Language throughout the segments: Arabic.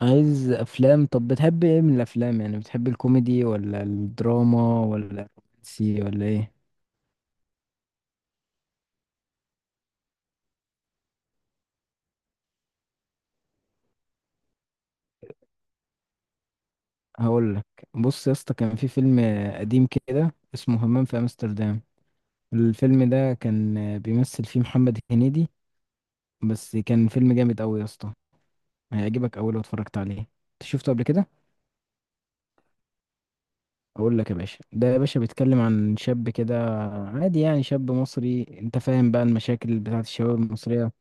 عايز افلام؟ طب بتحب ايه من الافلام؟ يعني بتحب الكوميدي ولا الدراما ولا الرومانسي ولا ايه؟ هقول لك. بص يا اسطى، كان في فيلم قديم كده اسمه همام في امستردام. الفيلم ده كان بيمثل فيه محمد هنيدي، بس كان فيلم جامد قوي يا اسطى، هيعجبك اول لو اتفرجت عليه. انت شفته قبل كده؟ اقول لك يا باشا. ده يا باشا بيتكلم عن شاب كده عادي، يعني شاب مصري. انت فاهم بقى المشاكل بتاعت الشباب المصرية.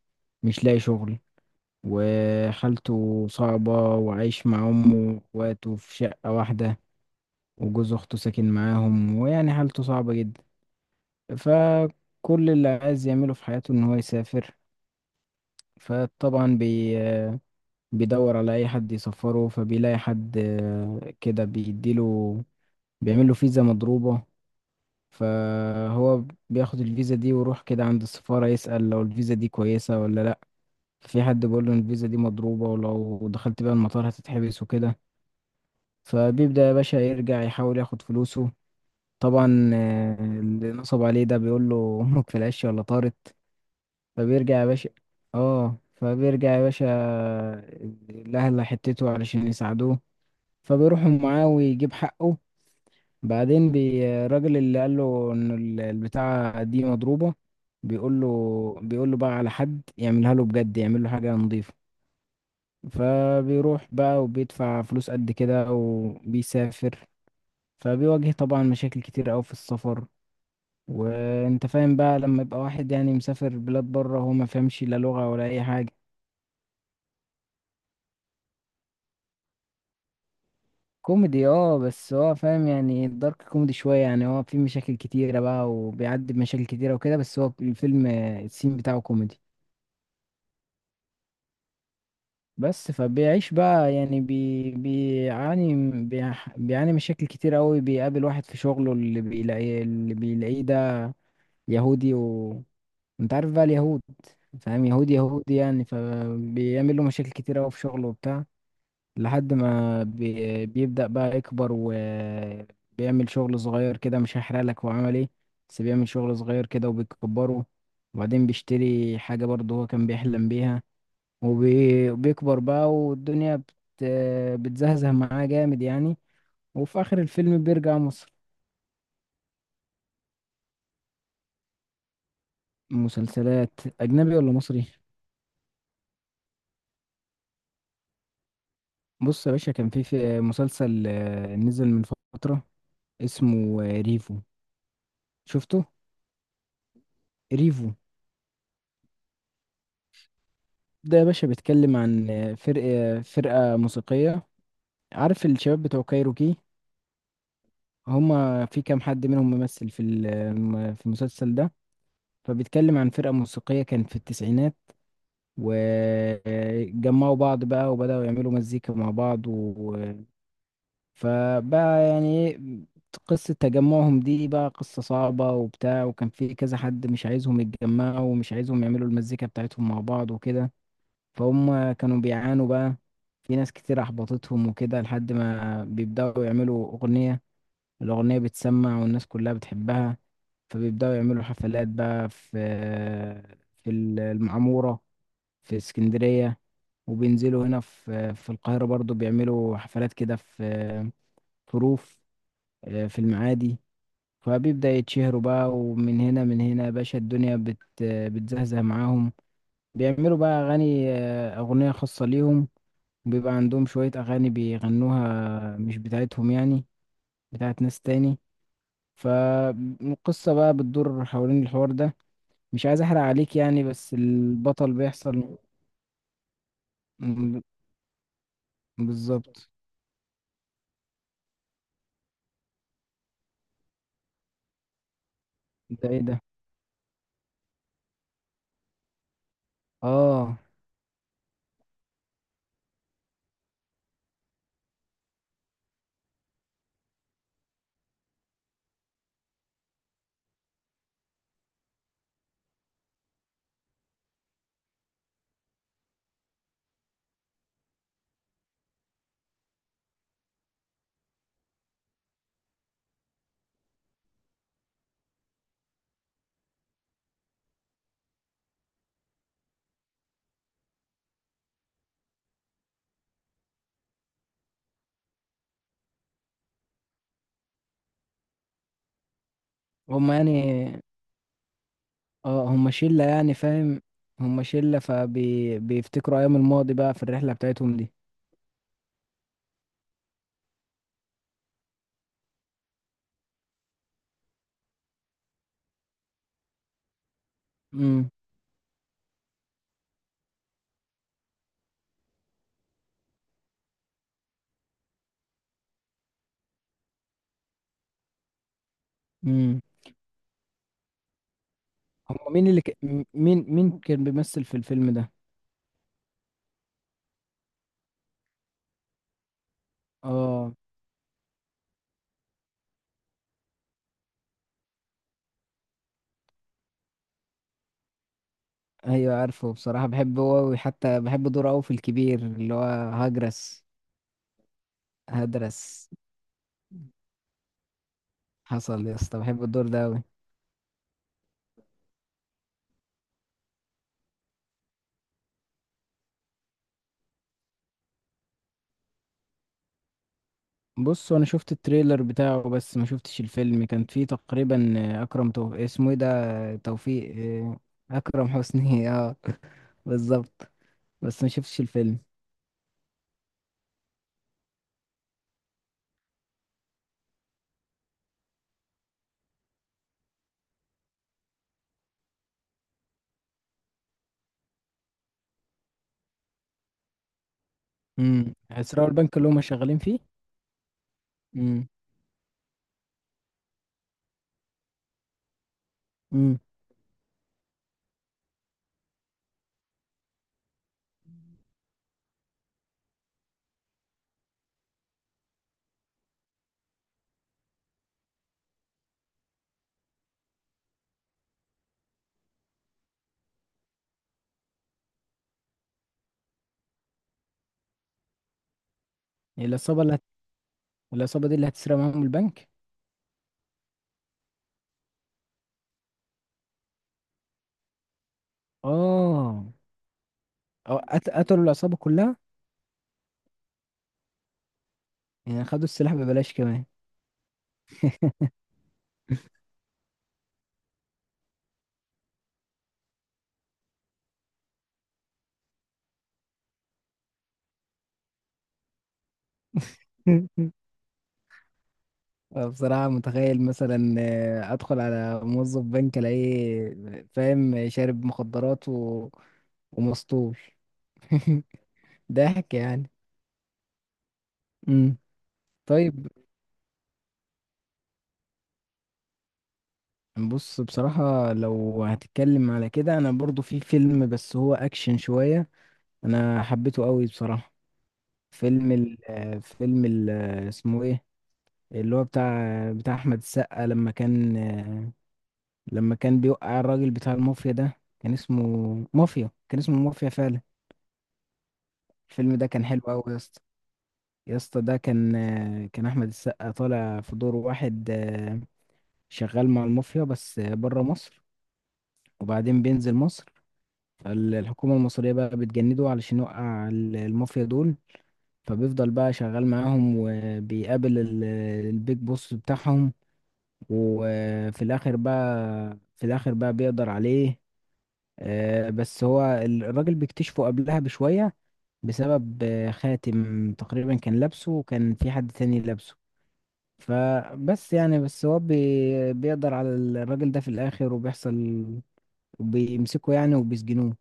مش لاقي شغل، وحالته صعبة، وعايش مع أمه وأخواته في شقة واحدة، وجوز أخته ساكن معاهم، ويعني حالته صعبة جدا. فكل اللي عايز يعمله في حياته إن هو يسافر. فطبعا بيدور على أي حد يسفره، فبيلاقي حد كده بيديله، بيعمله فيزا مضروبة. فهو بياخد الفيزا دي ويروح كده عند السفارة، يسأل لو الفيزا دي كويسة ولا لأ. في حد بيقول له إن الفيزا دي مضروبة، ولو دخلت بيها المطار هتتحبس وكده. فبيبدأ يا باشا يرجع يحاول ياخد فلوسه. طبعا اللي نصب عليه ده بيقول له امك في العش ولا طارت؟ فبيرجع يا باشا اه فبيرجع يا باشا الاهل حتته علشان يساعدوه. فبيروحوا معاه ويجيب حقه. بعدين الراجل اللي قال له ان البتاعة دي مضروبة، بيقول له بيقول له بقى على حد يعملها له بجد، يعمل له حاجة نظيفة. فبيروح بقى وبيدفع فلوس قد كده وبيسافر. فبيواجه طبعا مشاكل كتير قوي في السفر. وانت فاهم بقى لما يبقى واحد، يعني مسافر بلاد بره، هو ما فهمش لا لغة ولا اي حاجة. كوميدي اه، بس هو فاهم يعني الدارك كوميدي شوية. يعني هو في مشاكل كتيرة بقى وبيعدي بمشاكل كتيرة وكده، بس هو الفيلم السين بتاعه كوميدي. بس فبيعيش بقى، يعني بيعاني مشاكل كتير قوي. بيقابل واحد في شغله، اللي بيلاقيه ده يهودي. انت عارف بقى اليهود، فاهم؟ يهود يهود يعني. فبيعمل له مشاكل كتير قوي في شغله وبتاع، لحد ما بيبدأ بقى يكبر، وبيعمل شغل صغير كده. مش هحرق لك هو عمل ايه، بس بيعمل شغل صغير كده وبيكبره. وبعدين بيشتري حاجة برضه هو كان بيحلم بيها، وبيكبر بقى، والدنيا بتزهزه معاه جامد يعني. وفي آخر الفيلم بيرجع مصر. مسلسلات أجنبي ولا مصري؟ بص يا باشا، كان في مسلسل نزل من فترة، اسمه ريفو. شفته؟ ريفو ده يا باشا بيتكلم عن فرقة موسيقية. عارف الشباب بتوع كايروكي؟ هما في كام حد منهم ممثل في ال- آه، في المسلسل ده. فبيتكلم عن فرقة موسيقية كانت في التسعينات، وجمعوا بعض بقى وبدأوا يعملوا مزيكا مع بعض. فبقى يعني إيه، قصة تجمعهم دي بقى قصة صعبة وبتاع. وكان في كذا حد مش عايزهم يتجمعوا ومش عايزهم يعملوا المزيكا بتاعتهم مع بعض وكده. فهم كانوا بيعانوا بقى، في ناس كتير أحبطتهم وكده، لحد ما بيبدأوا يعملوا أغنية. الأغنية بتسمع والناس كلها بتحبها. فبيبدأوا يعملوا حفلات بقى في المعمورة، في اسكندرية. وبينزلوا هنا في القاهرة برضو، بيعملوا حفلات كده في روف في المعادي. فبيبدأ يتشهروا بقى، ومن هنا من هنا يا باشا الدنيا بتزهزه معاهم. بيعملوا بقى أغاني آه، أغنية خاصة ليهم. بيبقى عندهم شوية أغاني بيغنوها مش بتاعتهم، يعني بتاعت ناس تاني. فالقصة بقى بتدور حوالين الحوار ده. مش عايز أحرق عليك يعني، بس البطل بيحصل. م- بالظبط. ده ايه ده؟ اه هما يعني اه هما شلة يعني، فاهم؟ هما شلة فبيفتكروا ايام الماضي بقى في الرحلة بتاعتهم دي. امم. امم. هما مين اللي ك... م- مين مين كان بيمثل في الفيلم ده؟ اه، ايوه، عارفه بصراحة. بحبه هو، وحتى بحب دوره قوي في الكبير اللي هو هجرس. هدرس. حصل يا اسطى، بحب الدور ده قوي. بص انا شفت التريلر بتاعه، بس ما شفتش الفيلم. كان فيه تقريبا اكرم توفيق، اسمه ايه ده، توفيق اكرم حسني اه، بالظبط. بس ما شفتش الفيلم. هيسرقوا البنك اللي هم شغالين فيه؟ امم امم العصابه اللي هت... العصابه دي اللي هتسرق معاهم البنك؟ اه، أو قتلوا العصابه كلها. يعني خدوا السلاح ببلاش كمان. أنا بصراحة متخيل مثلا أدخل على موظف بنك، ألاقيه فاهم شارب مخدرات ومسطول. ضحك يعني. امم. طيب، بص بصراحة لو هتتكلم على كده أنا برضو في فيلم، بس هو أكشن شوية. انا حبيته قوي بصراحه. فيلم ال آه، فيلم ال آه، اسمه ايه، اللي هو بتاع احمد السقا. لما كان بيوقع الراجل بتاع المافيا، ده كان اسمه مافيا، كان اسمه مافيا فعلا. الفيلم ده كان حلو قوي يا اسطى. يا اسطى ده كان احمد السقا طالع في دور واحد شغال مع المافيا بس بره مصر. وبعدين بينزل مصر. فالحكومه المصريه بقى بتجنده علشان يوقع المافيا دول. فبيفضل بقى شغال معاهم، وبيقابل البيج بوس بتاعهم. وفي الاخر بقى بيقدر عليه. بس هو الراجل بيكتشفه قبلها بشوية، بسبب خاتم تقريبا كان لابسه، وكان في حد تاني لابسه. فبس يعني بس هو بيقدر على الراجل ده في الاخر، وبيحصل وبيمسكه يعني وبيسجنوه.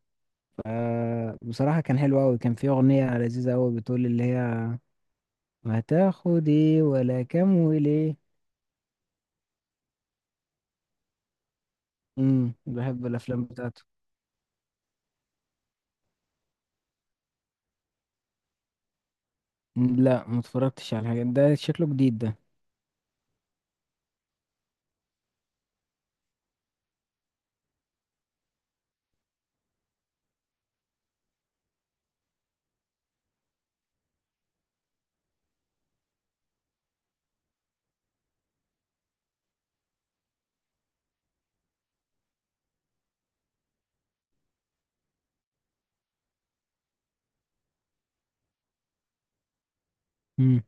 فبصراحة كان حلو أوي. كان في أغنية لذيذة أوي بتقول اللي هي: هتاخد ايه ولا كام وليه؟ بحب الافلام بتاعته. مم، لا، ما اتفرجتش على حاجه، ده شكله جديد ده. امم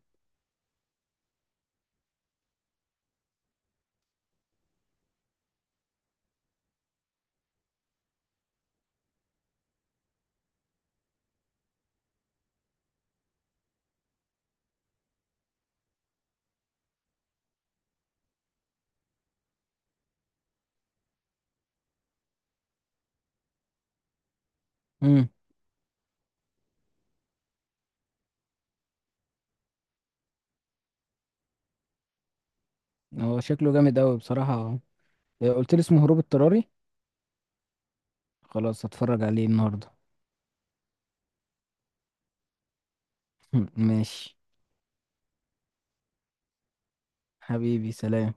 امم هو شكله جامد قوي بصراحه. إيه، قلت لي اسمه هروب اضطراري؟ خلاص، هتفرج عليه النهارده. ماشي. حبيبي، سلام.